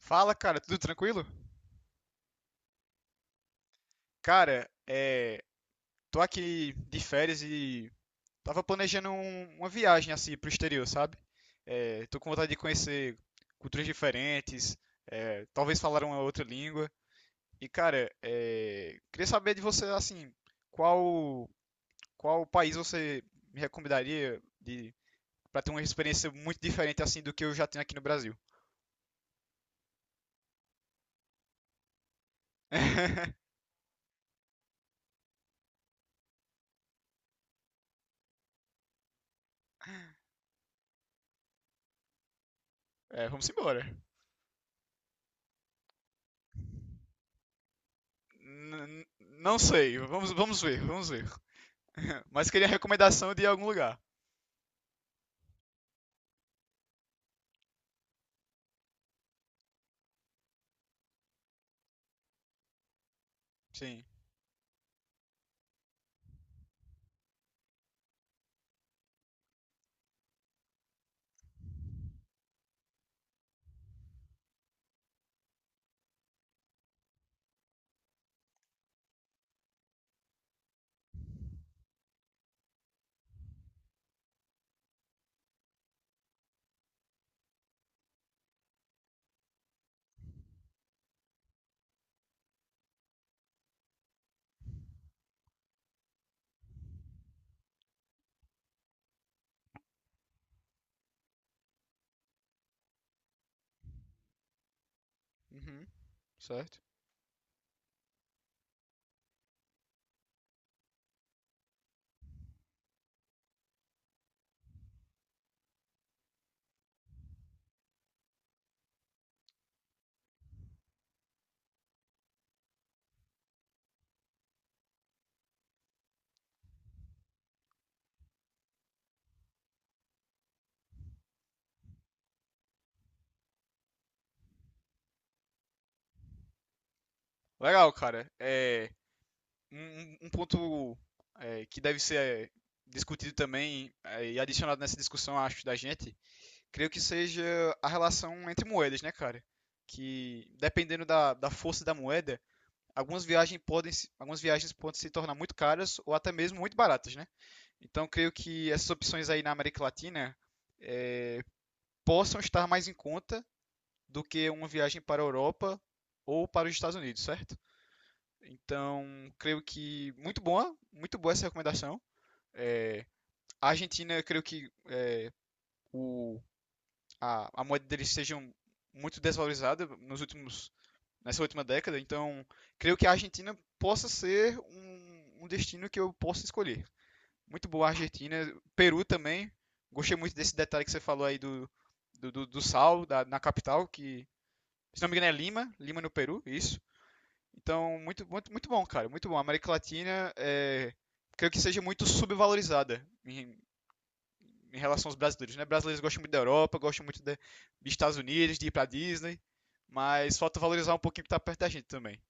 Fala, cara, tudo tranquilo? Cara, é, Tô aqui de férias e tava planejando uma viagem assim pro exterior, sabe? Tô com vontade de conhecer culturas diferentes, talvez falar uma outra língua. E, cara, queria saber de você, assim, qual qual país você me recomendaria de para ter uma experiência muito diferente assim do que eu já tenho aqui no Brasil? É, vamos embora. N- n- não sei, vamos ver, vamos ver. Mas queria recomendação de algum lugar. Sim. Uhum, certo. Legal, cara. É, um ponto que deve ser discutido também e adicionado nessa discussão, acho, da gente, creio que seja a relação entre moedas, né, cara? Que dependendo da força da moeda, algumas viagens podem se tornar muito caras ou até mesmo muito baratas, né? Então creio que essas opções aí na América Latina eh, possam estar mais em conta do que uma viagem para a Europa ou para os Estados Unidos, certo? Então, creio que muito boa essa recomendação. É, a Argentina, eu creio que o, a moeda deles seja muito desvalorizada nos nessa última década, então creio que a Argentina possa ser um destino que eu possa escolher. Muito boa a Argentina, Peru também. Gostei muito desse detalhe que você falou aí do sal na capital, que se não me engano é Lima, Lima no Peru, isso. Então, muito, muito, muito bom, cara, muito bom. A América Latina, é, creio que seja muito subvalorizada em, em relação aos brasileiros, né? Brasileiros gostam muito da Europa, gostam muito dos Estados Unidos, de ir pra Disney, mas falta valorizar um pouquinho o que tá perto da gente também.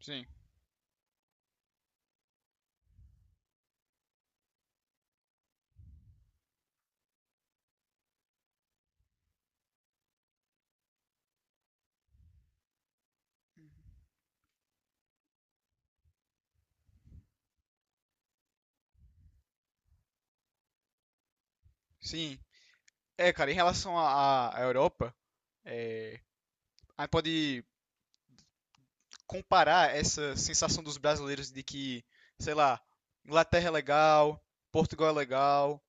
Sim. Sim. É, cara, em relação à Europa, é, a gente pode comparar essa sensação dos brasileiros de que, sei lá, Inglaterra é legal, Portugal é legal,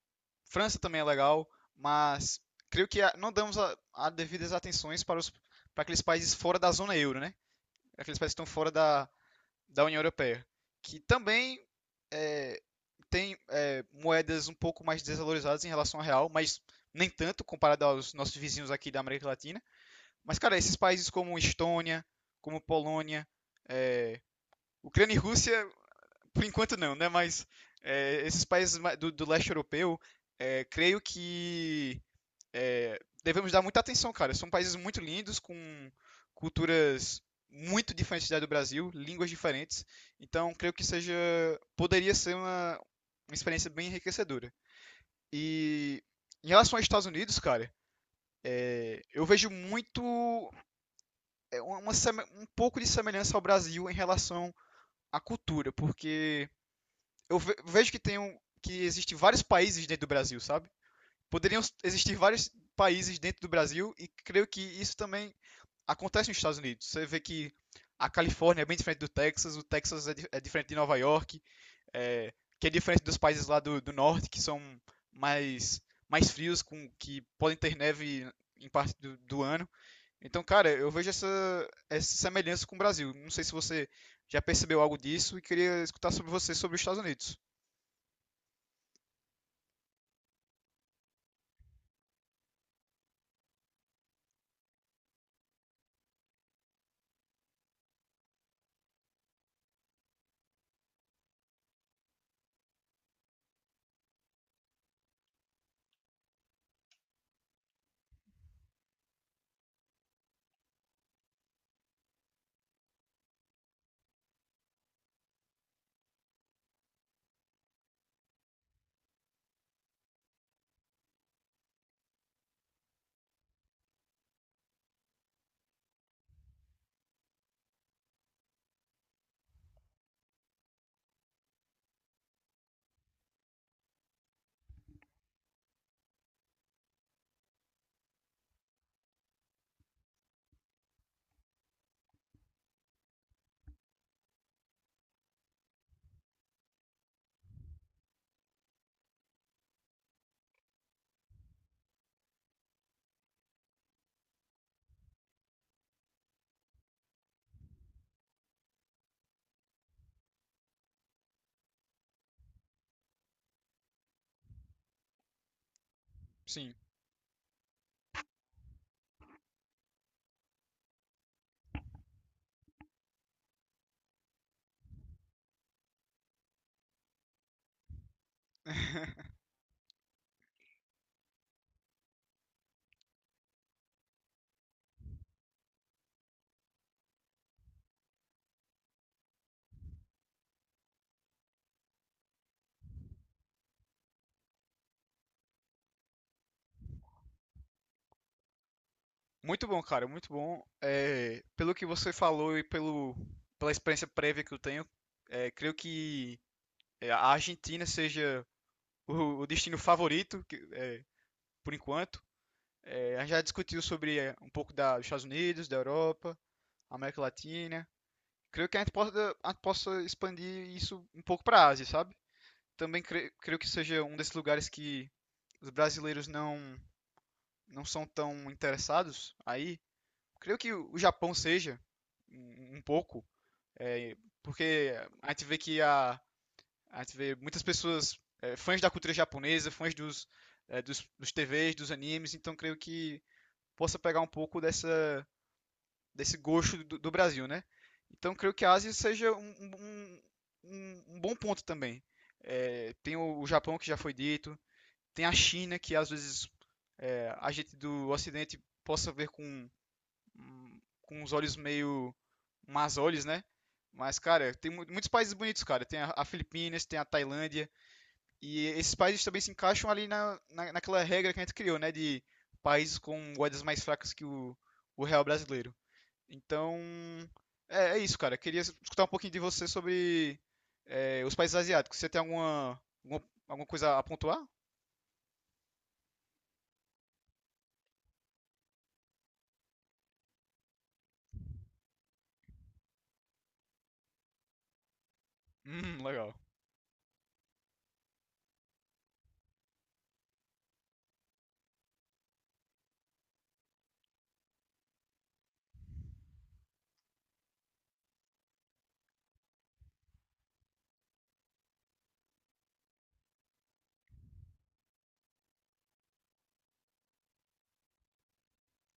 França também é legal, mas creio que não damos a devidas atenções para aqueles países fora da zona euro, né? Aqueles países que estão fora da União Europeia, que também é, tem moedas um pouco mais desvalorizadas em relação ao real, mas nem tanto comparado aos nossos vizinhos aqui da América Latina. Mas, cara, esses países como Estônia, como Polônia, é, Ucrânia e Rússia, por enquanto não, né? Mas esses países do, do leste europeu, creio que devemos dar muita atenção, cara. São países muito lindos, com culturas muito diferentes da do Brasil, línguas diferentes. Então, creio que seja, poderia ser uma experiência bem enriquecedora. E em relação aos Estados Unidos, cara, eu vejo muito uma um pouco de semelhança ao Brasil em relação à cultura, porque vejo que tem um, que existe vários países dentro do Brasil, sabe? Existir vários países dentro do Brasil e creio que isso também acontece nos Estados Unidos. Você vê que a Califórnia é bem diferente do Texas, o Texas é diferente de Nova York, é, que é diferente dos países lá do norte que são mais mais frios, com que podem ter neve em parte do ano. Então, cara, eu vejo essa, essa semelhança com o Brasil. Não sei se você já percebeu algo disso e queria escutar sobre você sobre os Estados Unidos. Sim. Muito bom, cara, muito bom. É, pelo que você falou e pelo, pela experiência prévia que eu tenho, creio que a Argentina seja o destino favorito, é, por enquanto. É, a gente já discutiu sobre um pouco dos Estados Unidos, da Europa, América Latina. Creio que a gente possa expandir isso um pouco para a Ásia, sabe? Também creio que seja um desses lugares que os brasileiros não, não são tão interessados aí creio que o Japão seja um pouco, é, porque a gente vê que a, a gente vê muitas pessoas fãs da cultura japonesa, fãs dos, é, dos, dos TVs, dos animes, então creio que possa pegar um pouco dessa, desse gosto do Brasil, né? Então creio que a Ásia seja um bom ponto também. É, tem o Japão que já foi dito, tem a China que às vezes a gente do Ocidente possa ver com os olhos meio más olhos, né? Mas, cara, tem muitos países bonitos, cara. Tem a Filipinas, tem a Tailândia. E esses países também se encaixam ali naquela regra que a gente criou, né? De países com moedas mais fracas que o real brasileiro. Então, é, é isso, cara. Queria escutar um pouquinho de você sobre os países asiáticos. Você tem alguma, alguma, alguma coisa a pontuar? Legal.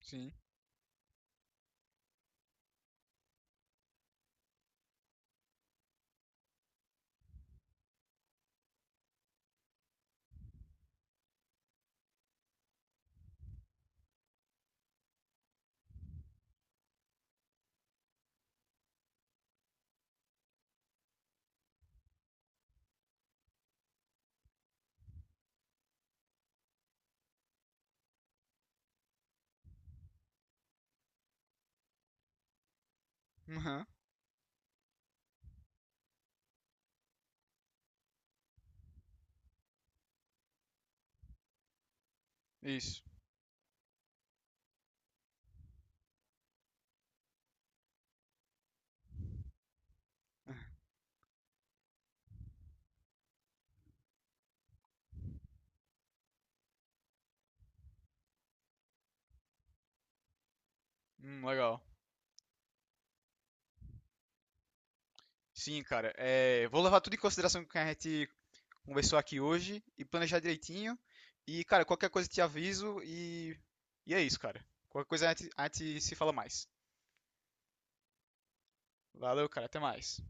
Sim. Uhum. Isso. Legal. Sim, cara. É, vou levar tudo em consideração que a gente conversou aqui hoje e planejar direitinho. E, cara, qualquer coisa te aviso e é isso, cara. Qualquer coisa a gente se fala mais. Valeu, cara. Até mais.